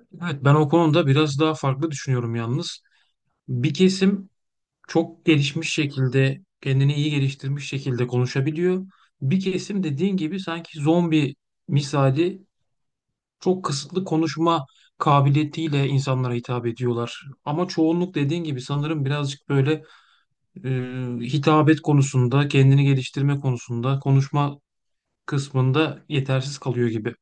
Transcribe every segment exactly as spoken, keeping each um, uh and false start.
Evet ben o konuda biraz daha farklı düşünüyorum yalnız. Bir kesim çok gelişmiş şekilde, kendini iyi geliştirmiş şekilde konuşabiliyor. Bir kesim dediğin gibi sanki zombi misali çok kısıtlı konuşma kabiliyetiyle insanlara hitap ediyorlar. Ama çoğunluk dediğin gibi sanırım birazcık böyle e, hitabet konusunda, kendini geliştirme konusunda, konuşma kısmında yetersiz kalıyor gibi.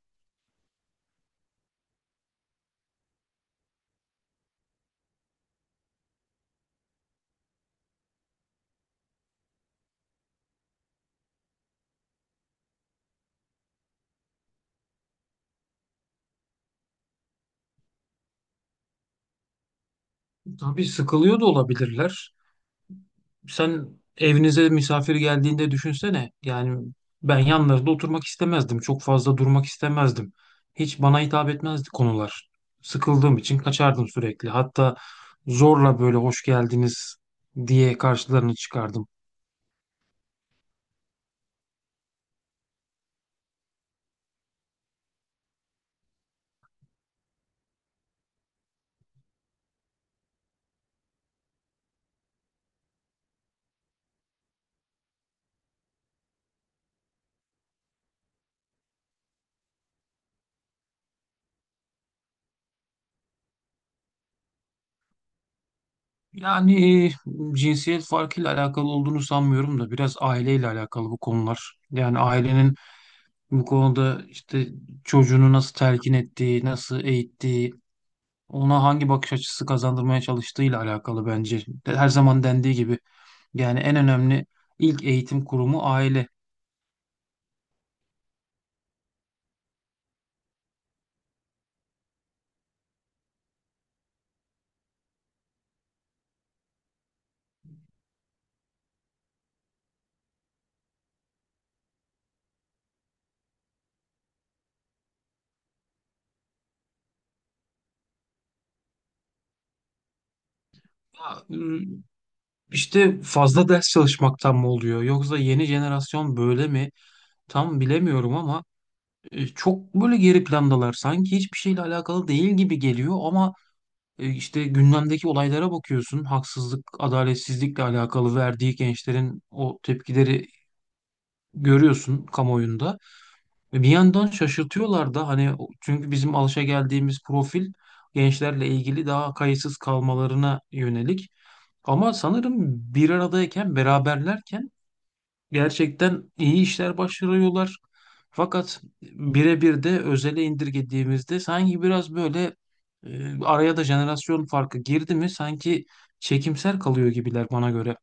Tabii sıkılıyor da olabilirler. Sen evinize misafir geldiğinde düşünsene. Yani ben yanlarında oturmak istemezdim. Çok fazla durmak istemezdim. Hiç bana hitap etmezdi konular. Sıkıldığım için kaçardım sürekli. Hatta zorla böyle hoş geldiniz diye karşılarını çıkardım. Yani e, cinsiyet farkıyla alakalı olduğunu sanmıyorum da biraz aileyle alakalı bu konular. Yani ailenin bu konuda işte çocuğunu nasıl telkin ettiği, nasıl eğittiği, ona hangi bakış açısı kazandırmaya çalıştığıyla alakalı bence. De- Her zaman dendiği gibi yani en önemli ilk eğitim kurumu aile. Ya, ıı, işte fazla ders çalışmaktan mı oluyor yoksa yeni jenerasyon böyle mi? Tam bilemiyorum ama e, çok böyle geri plandalar. Sanki hiçbir şeyle alakalı değil gibi geliyor ama e, işte gündemdeki olaylara bakıyorsun. Haksızlık, adaletsizlikle alakalı verdiği gençlerin o tepkileri görüyorsun kamuoyunda. Ve bir yandan şaşırtıyorlar da hani o- çünkü bizim alışageldiğimiz profil gençlerle ilgili daha kayıtsız kalmalarına yönelik. Ama sanırım bir aradayken, beraberlerken gerçekten iyi işler başarıyorlar. Fakat birebir de özele indirgediğimizde sanki biraz böyle e, araya da jenerasyon farkı girdi mi sanki çekimser kalıyor gibiler bana göre.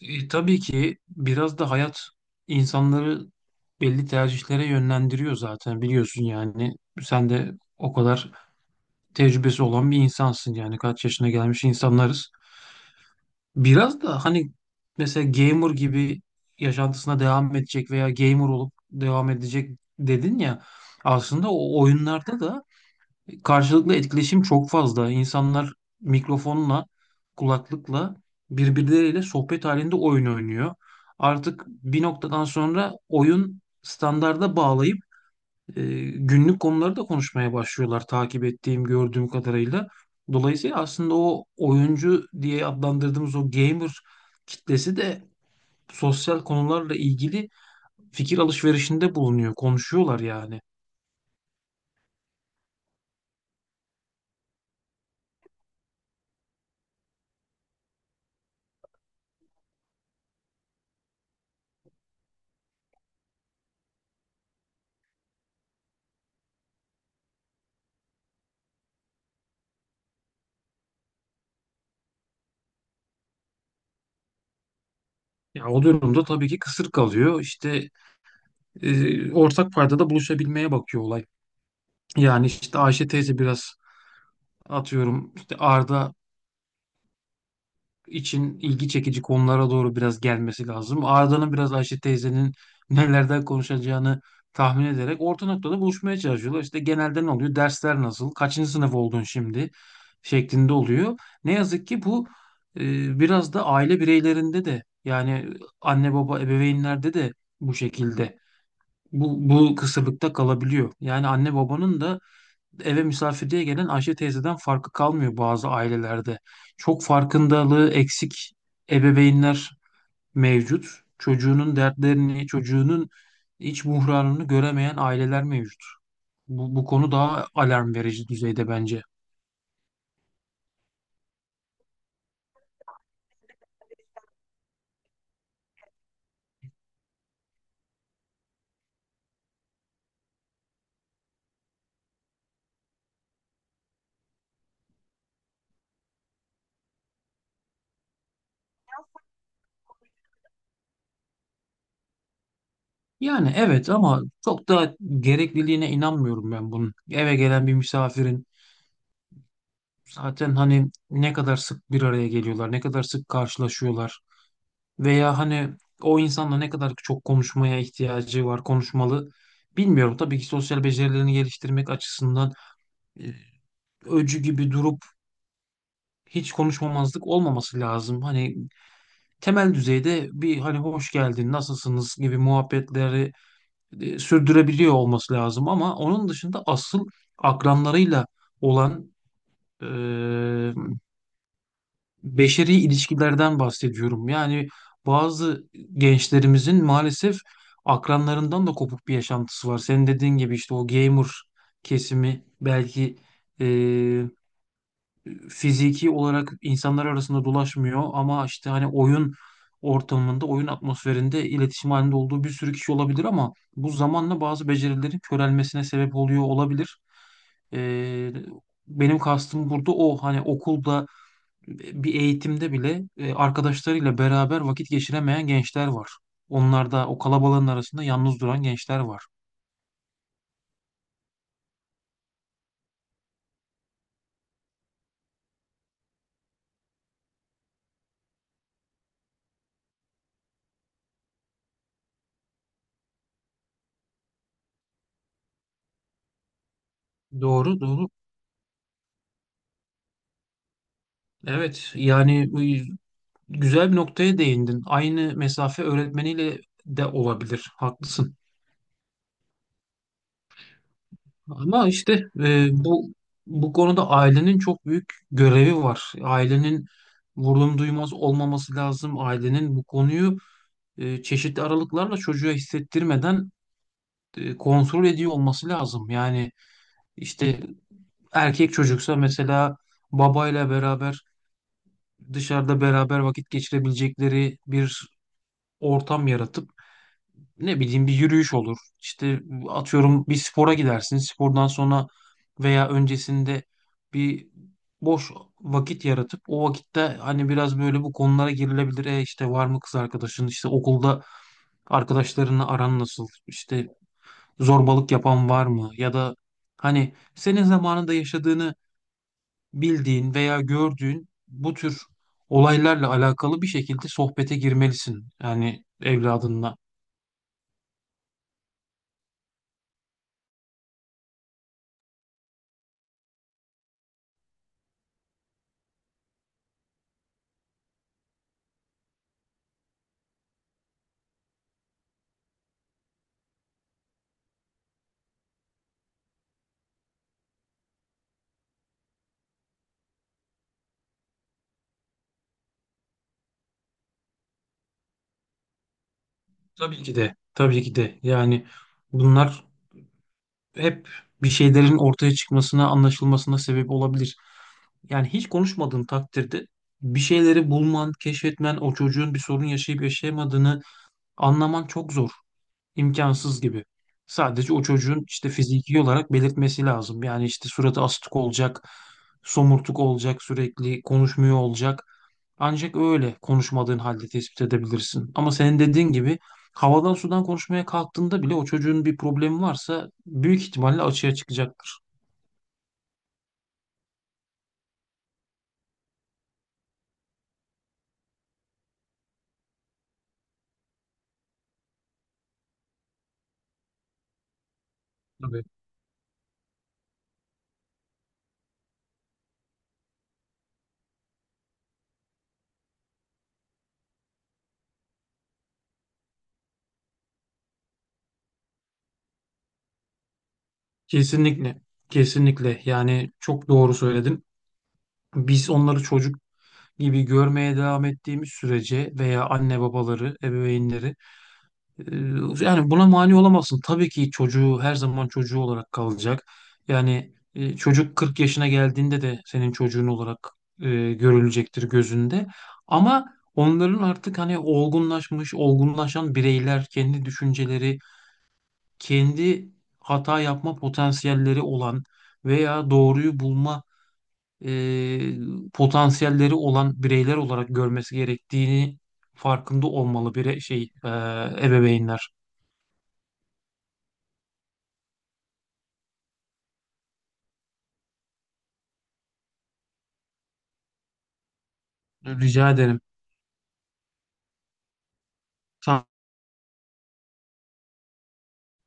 E, tabii ki biraz da hayat insanları belli tercihlere yönlendiriyor zaten biliyorsun yani. Sen de o kadar tecrübesi olan bir insansın yani kaç yaşına gelmiş insanlarız. Biraz da hani mesela gamer gibi yaşantısına devam edecek veya gamer olup devam edecek dedin ya aslında o oyunlarda da karşılıklı etkileşim çok fazla. İnsanlar mikrofonla, kulaklıkla birbirleriyle sohbet halinde oyun oynuyor. Artık bir noktadan sonra oyun standarda bağlayıp e, günlük konuları da konuşmaya başlıyorlar takip ettiğim, gördüğüm kadarıyla. Dolayısıyla aslında o oyuncu diye adlandırdığımız o gamer kitlesi de sosyal konularla ilgili fikir alışverişinde bulunuyor, konuşuyorlar yani. Ya o durumda tabii ki kısır kalıyor. İşte e, ortak paydada buluşabilmeye bakıyor olay. Yani işte Ayşe teyze biraz atıyorum işte Arda için ilgi çekici konulara doğru biraz gelmesi lazım. Arda'nın biraz Ayşe teyzenin nelerden konuşacağını tahmin ederek orta noktada buluşmaya çalışıyorlar. İşte genelde ne oluyor? Dersler nasıl? Kaçıncı sınıf oldun şimdi, şeklinde oluyor. Ne yazık ki bu e, biraz da aile bireylerinde de yani anne baba ebeveynlerde de bu şekilde Bu, bu kısırlıkta kalabiliyor. Yani anne babanın da eve misafirliğe gelen Ayşe teyzeden farkı kalmıyor bazı ailelerde. Çok farkındalığı eksik ebeveynler mevcut. Çocuğunun dertlerini, çocuğunun iç buhranını göremeyen aileler mevcut. Bu, bu konu daha alarm verici düzeyde bence. Yani evet ama çok da gerekliliğine inanmıyorum ben bunun. Eve gelen bir misafirin zaten hani ne kadar sık bir araya geliyorlar, ne kadar sık karşılaşıyorlar. Veya hani o insanla ne kadar çok konuşmaya ihtiyacı var, konuşmalı bilmiyorum. Tabii ki sosyal becerilerini geliştirmek açısından e, öcü gibi durup hiç konuşmamazlık olmaması lazım. Hani temel düzeyde bir hani hoş geldin, nasılsınız gibi muhabbetleri e, sürdürebiliyor olması lazım. Ama onun dışında asıl akranlarıyla olan e, beşeri ilişkilerden bahsediyorum. Yani bazı gençlerimizin maalesef akranlarından da kopuk bir yaşantısı var. Senin dediğin gibi işte o gamer kesimi belki e, fiziki olarak insanlar arasında dolaşmıyor ama işte hani oyun ortamında, oyun atmosferinde iletişim halinde olduğu bir sürü kişi olabilir ama bu zamanla bazı becerilerin körelmesine sebep oluyor olabilir. E, Benim kastım burada o hani okulda bir eğitimde bile e, arkadaşlarıyla beraber vakit geçiremeyen gençler var. Onlar da o kalabalığın arasında yalnız duran gençler var. Doğru, doğru. Evet, yani e, güzel bir noktaya değindin. Aynı mesafe öğretmeniyle de olabilir. Haklısın. Ama işte e, bu bu konuda ailenin çok büyük görevi var. Ailenin vurdum duymaz olmaması lazım. Ailenin bu konuyu e, çeşitli aralıklarla çocuğa hissettirmeden e, kontrol ediyor olması lazım. Yani işte erkek çocuksa mesela babayla beraber dışarıda beraber vakit geçirebilecekleri bir ortam yaratıp ne bileyim bir yürüyüş olur. İşte atıyorum bir spora gidersin. Spordan sonra veya öncesinde bir boş vakit yaratıp o vakitte hani biraz böyle bu konulara girilebilir. E işte var mı kız arkadaşın? İşte okulda arkadaşlarınla aran nasıl? İşte zorbalık yapan var mı? Ya da hani senin zamanında yaşadığını bildiğin veya gördüğün bu tür olaylarla alakalı bir şekilde sohbete girmelisin. Yani evladınla. Tabii ki de. Tabii ki de. Yani bunlar hep bir şeylerin ortaya çıkmasına, anlaşılmasına sebep olabilir. Yani hiç konuşmadığın takdirde bir şeyleri bulman, keşfetmen, o çocuğun bir sorun yaşayıp yaşayamadığını anlaman çok zor. İmkansız gibi. Sadece o çocuğun işte fiziki olarak belirtmesi lazım. Yani işte suratı astık olacak, somurtuk olacak, sürekli konuşmuyor olacak. Ancak öyle konuşmadığın halde tespit edebilirsin. Ama senin dediğin gibi havadan sudan konuşmaya kalktığında bile o çocuğun bir problemi varsa büyük ihtimalle açığa çıkacaktır. Tabii. Kesinlikle. Kesinlikle. Yani çok doğru söyledin. Biz onları çocuk gibi görmeye devam ettiğimiz sürece veya anne babaları, ebeveynleri Ee, yani buna mani olamazsın. Tabii ki çocuğu her zaman çocuğu olarak kalacak. Yani e, çocuk kırk yaşına geldiğinde de senin çocuğun olarak e, görülecektir gözünde. Ama onların artık hani olgunlaşmış, olgunlaşan bireyler kendi düşünceleri, kendi hata yapma potansiyelleri olan veya doğruyu bulma e, potansiyelleri olan bireyler olarak görmesi gerektiğini farkında olmalı bir şey e, ebeveynler. Rica ederim. Tamam.